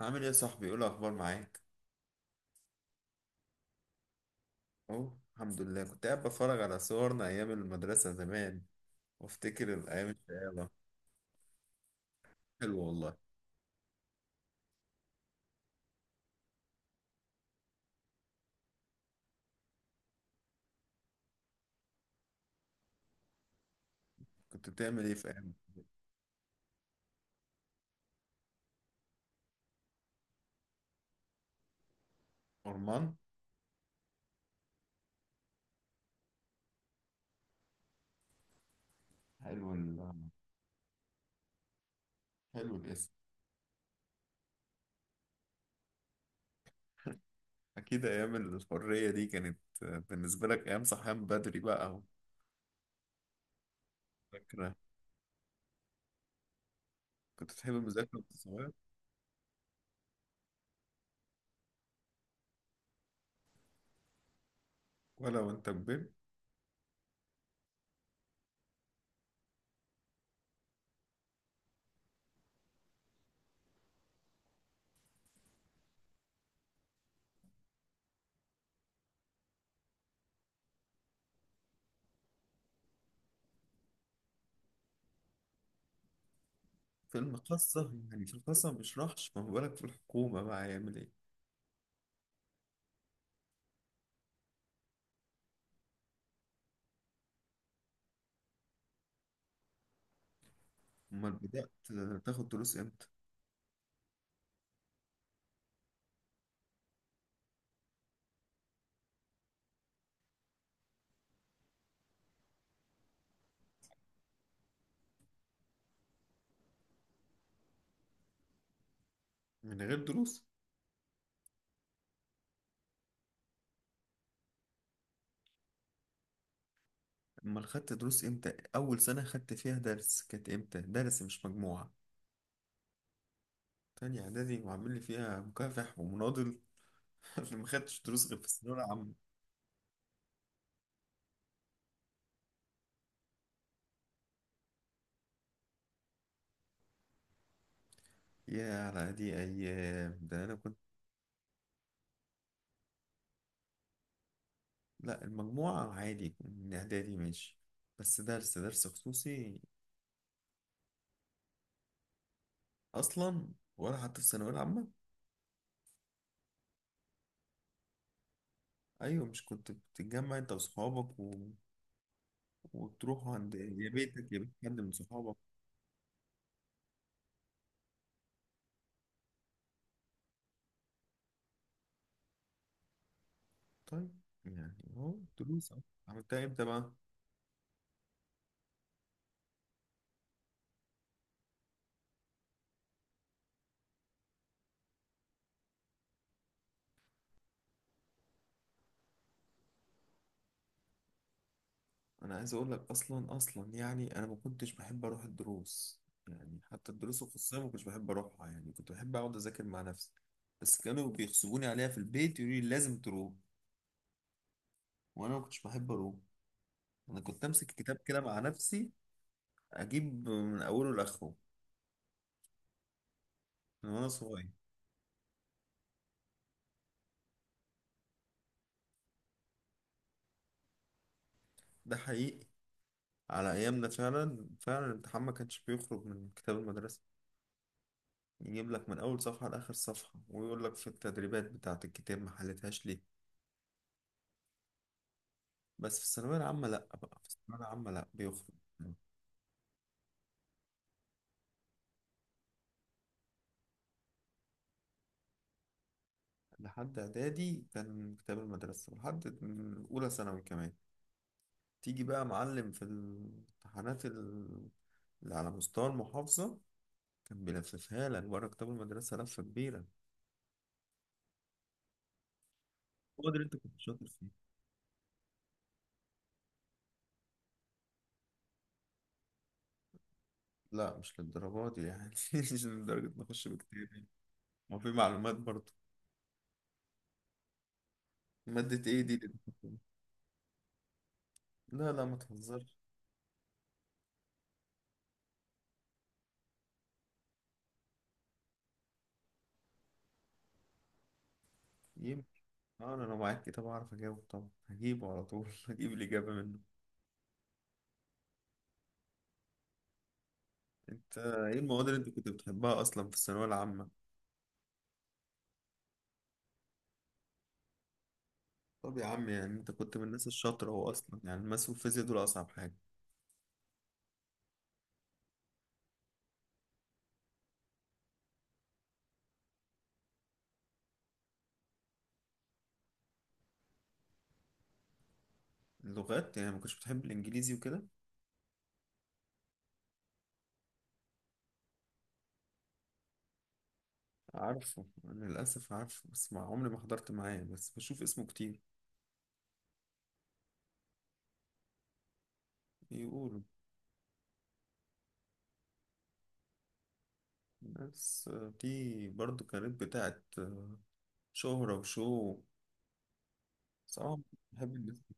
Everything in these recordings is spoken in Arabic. عامل ايه يا صاحبي؟ ايه الاخبار معاك؟ اهو الحمد لله، كنت قاعد بتفرج على صورنا ايام المدرسه زمان وافتكر الايام الشقاوه. حلو والله. كنت بتعمل ايه في ايام أرمان؟ حلو حلو الاسم. اكيد ايام الحريه دي كانت بالنسبه لك ايام صحيان بدري بقى ومذاكره. كنت تحب المذاكره وانت صغير؟ ولا وانت كبير؟ في المخصص. يعني في الخاصه ما بيشرحش، ما بالك في الحكومه بقى هيعمل ايه؟ امال بدات تاخد دروس امتى؟ من غير دروس. امال خدت دروس امتى؟ اول سنه خدت فيها درس كانت امتى؟ درس مش مجموعه. تانية اعدادي وعامل لي فيها مكافح ومناضل اللي ما خدتش دروس غير في الثانويه العامه. يا على دي ايام، ده انا كنت. لا المجموعه عادي من اعدادي ماشي، بس درس خصوصي. اصلا ولا حتى في الثانويه العامه؟ ايوه، مش كنت بتتجمع انت واصحابك وتروحوا عند يا بيتك يا بيت حد من صحابك؟ طيب يعني اهو دروس أهو. عملتها امتى بقى؟ انا عايز اقول لك، اصلا يعني انا ما كنتش بحب اروح الدروس، يعني حتى الدروس الخصوصيه ما كنتش بحب اروحها، يعني كنت بحب اقعد اذاكر مع نفسي. بس كانوا بيغصبوني عليها في البيت يقولوا لي لازم تروح، وانا ما كنتش بحب اروح. انا كنت امسك الكتاب كده مع نفسي، اجيب من اوله لاخره، من وانا صغير. ده حقيقي. على ايامنا فعلا فعلا الامتحان ما كانش بيخرج من كتاب المدرسه، يجيب لك من اول صفحه لاخر صفحه ويقول لك في التدريبات بتاعه الكتاب ما حلتهاش ليه. بس في الثانوية العامة لأ، بقى في الثانوية العامة لأ بيخرج. لحد إعدادي كان كتاب المدرسة، لحد أولى ثانوي كمان. تيجي بقى معلم في الامتحانات اللي على مستوى المحافظة، كان بيلففها لك بره كتاب المدرسة لفة كبيرة. هو ده اللي أنت كنت شاطر فيه؟ لا مش للدرجة دي يعني مش لدرجة نخش بكتير يعني. ما في معلومات برضه. مادة إيه دي اللي أنت كنت- لا لا ما تهزرش. يمكن. أنا لو معاك كتاب أعرف أجاوب طبعا، هجيبه على طول هجيب الإجابة منه. انت ايه المواد اللي انت كنت بتحبها اصلا في الثانويه العامه؟ طب يا عم، يعني انت كنت من الناس الشاطره، هو اصلا يعني الماس والفيزياء دول اصعب حاجه. اللغات يعني ما كنتش بتحب الانجليزي وكده؟ عارفه، انا للاسف عارفه بس ما عمري ما حضرت معاه، بس بشوف اسمه كتير. يقولوا. الناس دي برضو كانت بتاعت شهرة وشو، صعب. بحب الناس دي.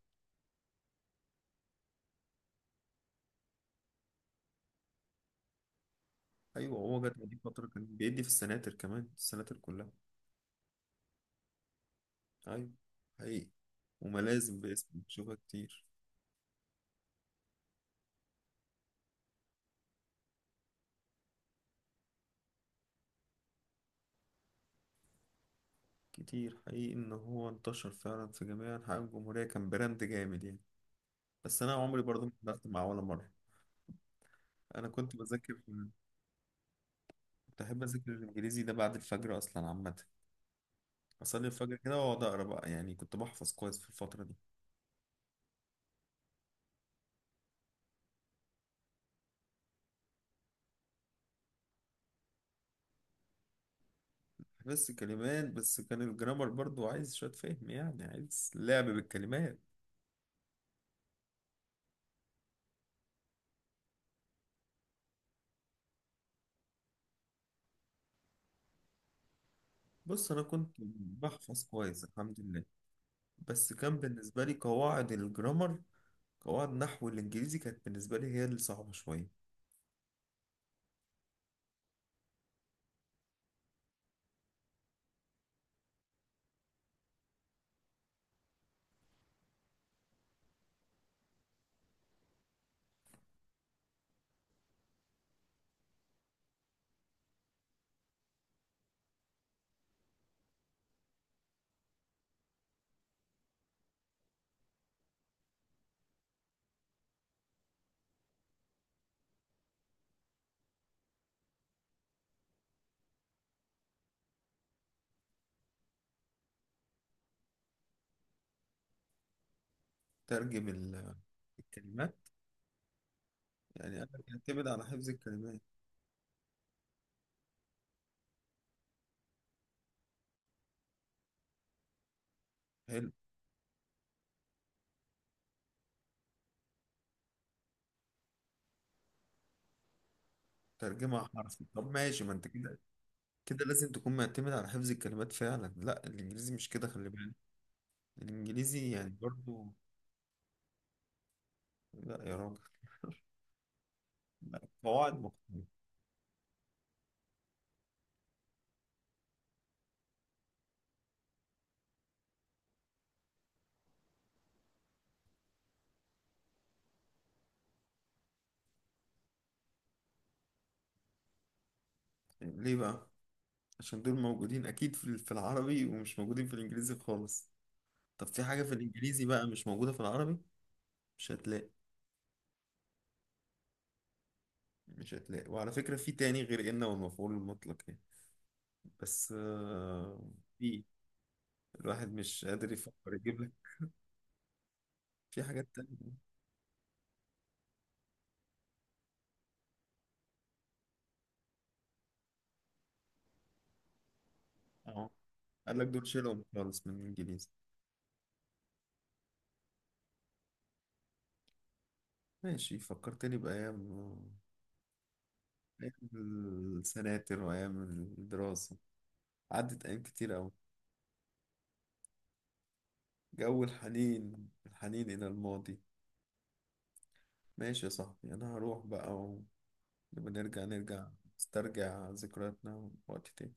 ايوه، هو جت دي فتره كان بيدي في السناتر كمان، السناتر كلها. ايوه حقيقي، وملازم باسمه بشوفها كتير. كتير حقيقي ان هو انتشر فعلا في جميع انحاء الجمهوريه، كان براند جامد يعني. بس انا عمري برضه ما حضرت معاه ولا مره. انا كنت بذاكر. كنت احب اذاكر الانجليزي ده بعد الفجر اصلا عامه، اصلي الفجر كده واقعد اقرا بقى، يعني كنت بحفظ كويس في الفتره دي. بس كلمات بس، كان الجرامر برضه عايز شويه فهم، يعني عايز لعب بالكلمات. بص انا كنت بحفظ كويس الحمد لله. بس كان بالنسبه لي قواعد الجرامر، قواعد نحو الانجليزي كانت بالنسبه لي هي اللي صعبه شويه. ترجم الكلمات، يعني انا بيعتمد على حفظ الكلمات. حلو. ترجمة حرفي، طب ماشي، ما انت كده، كده لازم تكون معتمد على حفظ الكلمات فعلا. لا الانجليزي مش كده خلي بالك، الانجليزي يعني برضو. لا يا راجل. لا قواعد مختلفة. ليه بقى؟ عشان دول موجودين اكيد في في العربي ومش موجودين في الانجليزي خالص. طب في حاجة في الانجليزي بقى مش موجودة في العربي؟ مش هتلاقي. مش هتلاقي، وعلى فكرة في تاني غير إن والمفعول المطلق يعني، بس في الواحد مش قادر يفكر يجيب لك في حاجات تانية. اهو، قال لك دول شيلهم خالص من الانجليزي. ماشي، فكرتني بأيام، أيام السناتر وأيام الدراسة. عدت أيام كتير أوي. جو الحنين، الحنين إلى الماضي. ماشي يا صاحبي، أنا هروح بقى ونبقى نرجع، نرجع نسترجع ذكرياتنا وقت تاني.